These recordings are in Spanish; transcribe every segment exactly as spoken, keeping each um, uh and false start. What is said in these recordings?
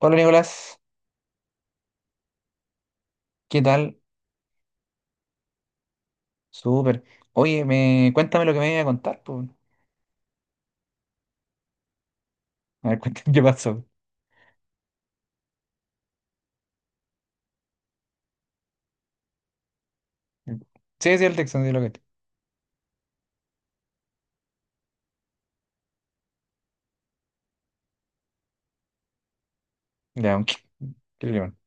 Hola Nicolás, ¿qué tal? Súper. Oye, me... cuéntame lo que me iba a contar, po. A ver, cuéntame qué pasó. Sí, sí, el Texan, sí, lo que. Ya, aunque. ¿Qué le llaman?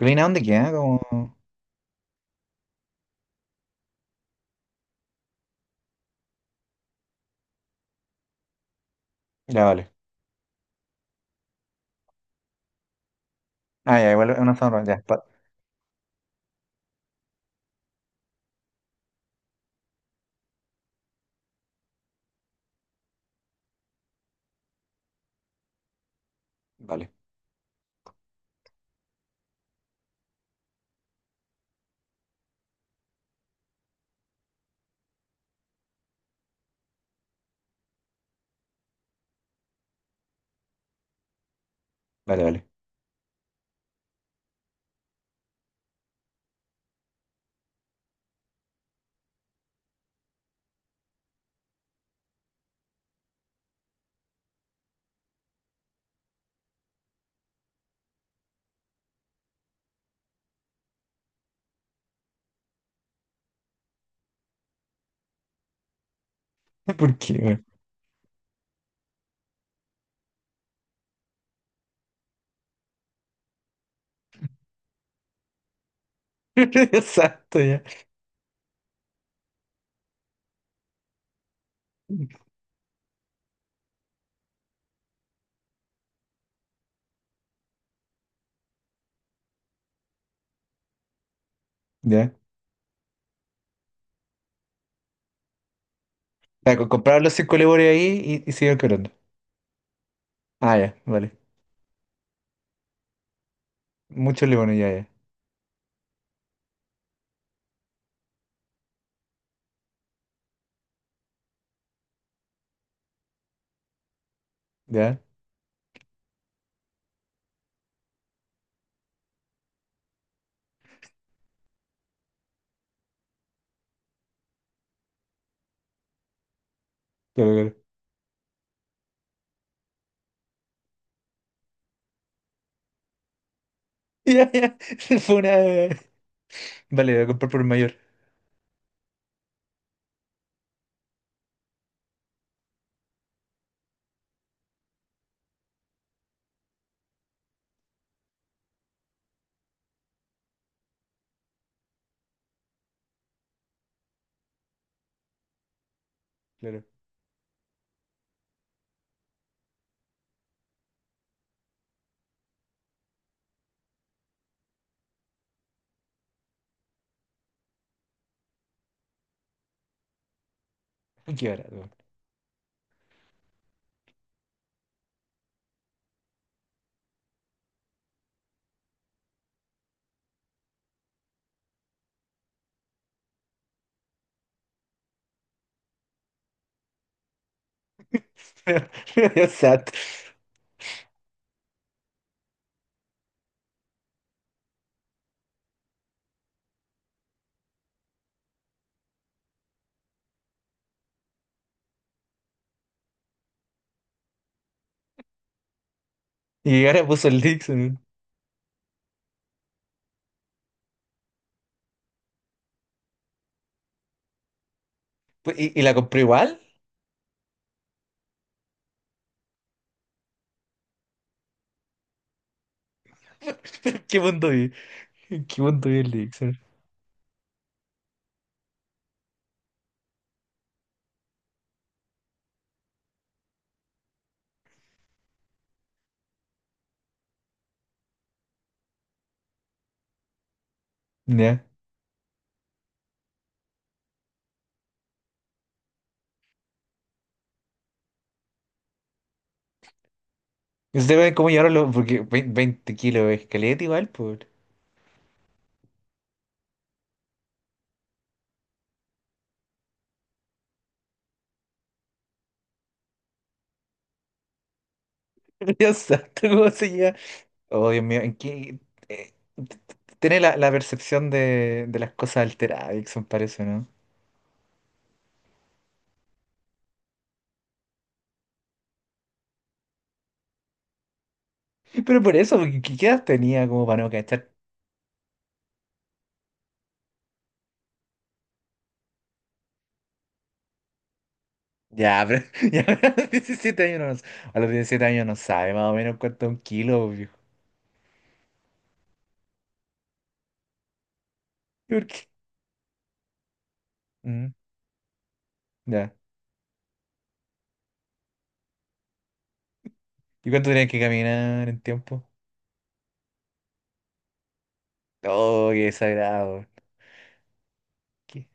¿Reina dónde queda? Como. Ya, vale. Ah, ya, igual es una zona. Ya, pa- Vale, vale, vale. ¿Por qué, weón? Exacto, ya. Ya. O sea, co- compraron los cinco lebones ahí y, y siguieron quebrando. Ah, ya, vale. Muchos lebones, ya, ya. Ya, claro, claro. Ya, ya. Fue una. Vale, voy a comprar por el mayor. Claro. Qué barato. Exacto. Y ahora puso el Dixon. Pues, ¿Y, y la compró igual? ¿Qué mundo vi? ¿Qué mundo vi el Dixon? Ya. Y ustedes ven cómo llevaron los. Porque vein- veinte kilos es caleta igual, por. Dios santo, ¿cómo se lleva? Oh, Dios mío, ¿en qué...? eh, t- t- Tiene la, la percepción de, de las cosas alteradas, Dixon, parece, ¿no? Pero por eso, porque ¿qué qué edad tenía como para no cachar? Ya, pero. Ya, a los diecisiete años no, a los diecisiete años no sabe más o menos cuánto es un kilo, viejo. ¿Por qué? Mm. Ya. ¿Y cuánto tenías que caminar en tiempo? Oh, qué desagradable. Qué-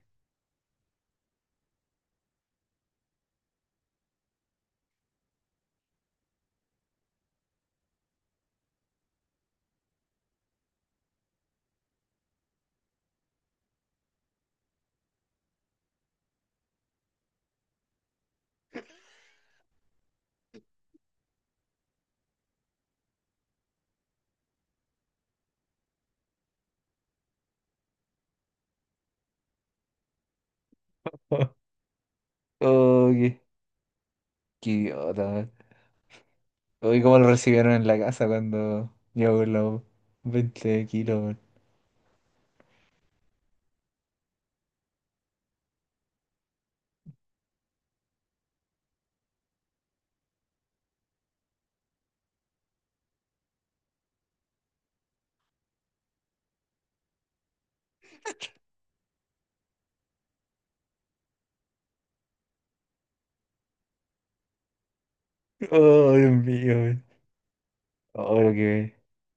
Oh, qué, qué idiota, man. Oh, ¿y cómo lo recibieron en la casa cuando llegó con los veinte kilos, man? Oh, Dios mío, man. Oh, lo que.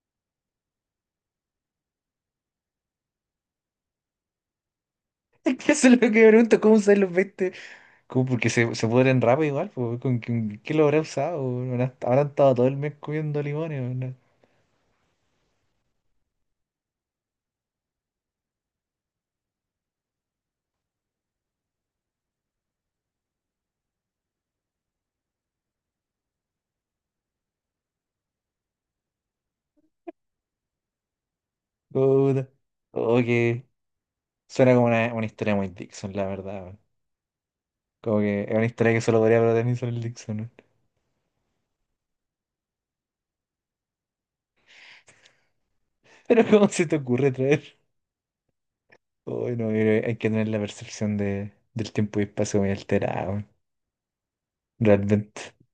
Es que eso es lo que me pregunto, ¿cómo usan los veinte? ¿Cómo? Porque se, se pudren rápido igual, pues, ¿con quién- qué lo habrá usado, weón? Habrán habrán estado todo el mes comiendo limones, weón. Puta. Oh, qué. Suena como una, una historia muy Dixon, la verdad. Como que es una historia que solo podría hablar Nelson el Dixon, ¿no? Pero ¿cómo se te ocurre traer? Uy, no, mira, hay que tener la percepción de, del tiempo y espacio muy alterada, weón, realmente.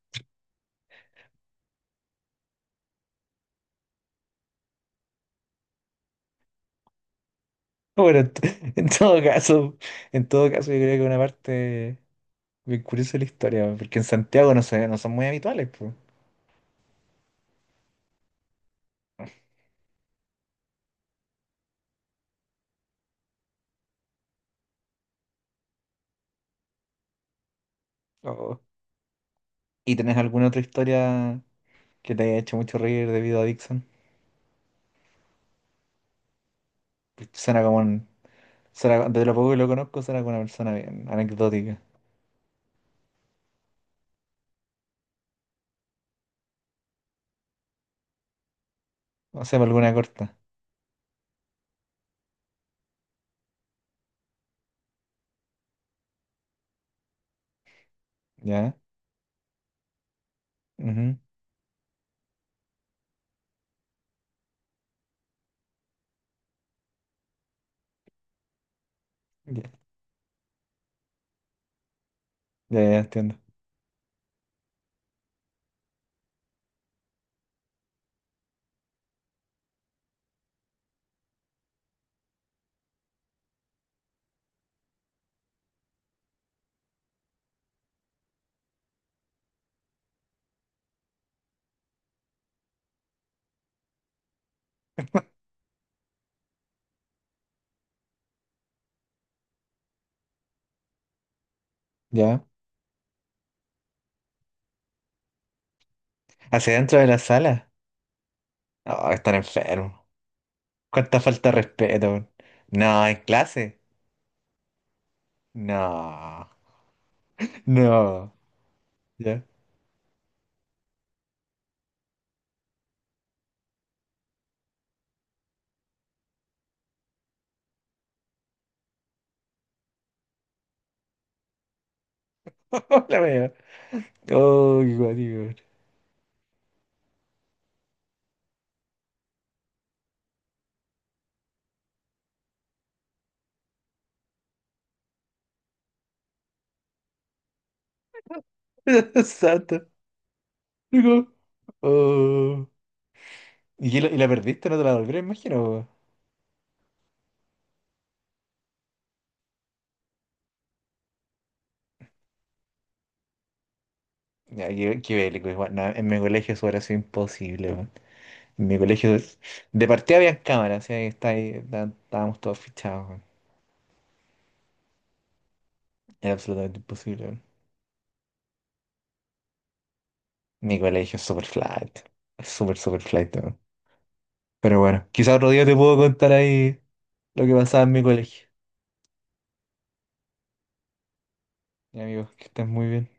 Bueno, en t- en todo caso, en todo caso yo creo que una parte bien curiosa de la historia, weón, porque en Santiago no se, no son muy habituales, pues. Oh. ¿Y tenés alguna otra historia que te haya hecho mucho reír debido a Dixon? Pues Suena como un, suena, de lo poco que lo conozco, suena como una persona bien anecdótica. O sea, alguna corta. ¿Ya? Ujú. Ya, ya entiendo. Ya. Hacia dentro de la sala. No, están enfermos. Cuánta falta de respeto, weón. No, en clase. No. No. Ya. La wea. Oh, qué guático, weón. Santo. Digo. Oh. ¿Y, que la y la perdiste? ¿No te la devolvieron, imagino, weón? Ya, qué, qué bélico, igual. No, en mi colegio eso hubiera sido imposible, weón. En mi colegio es- de partida había cámaras, así que está ahí, está- estábamos todos fichados, weón. Era absolutamente imposible. Mi colegio es súper flight. Es súper, súper flight, weón. Pero bueno, quizá otro día te puedo contar ahí lo que pasaba en mi colegio. Y amigos, que estés muy bien.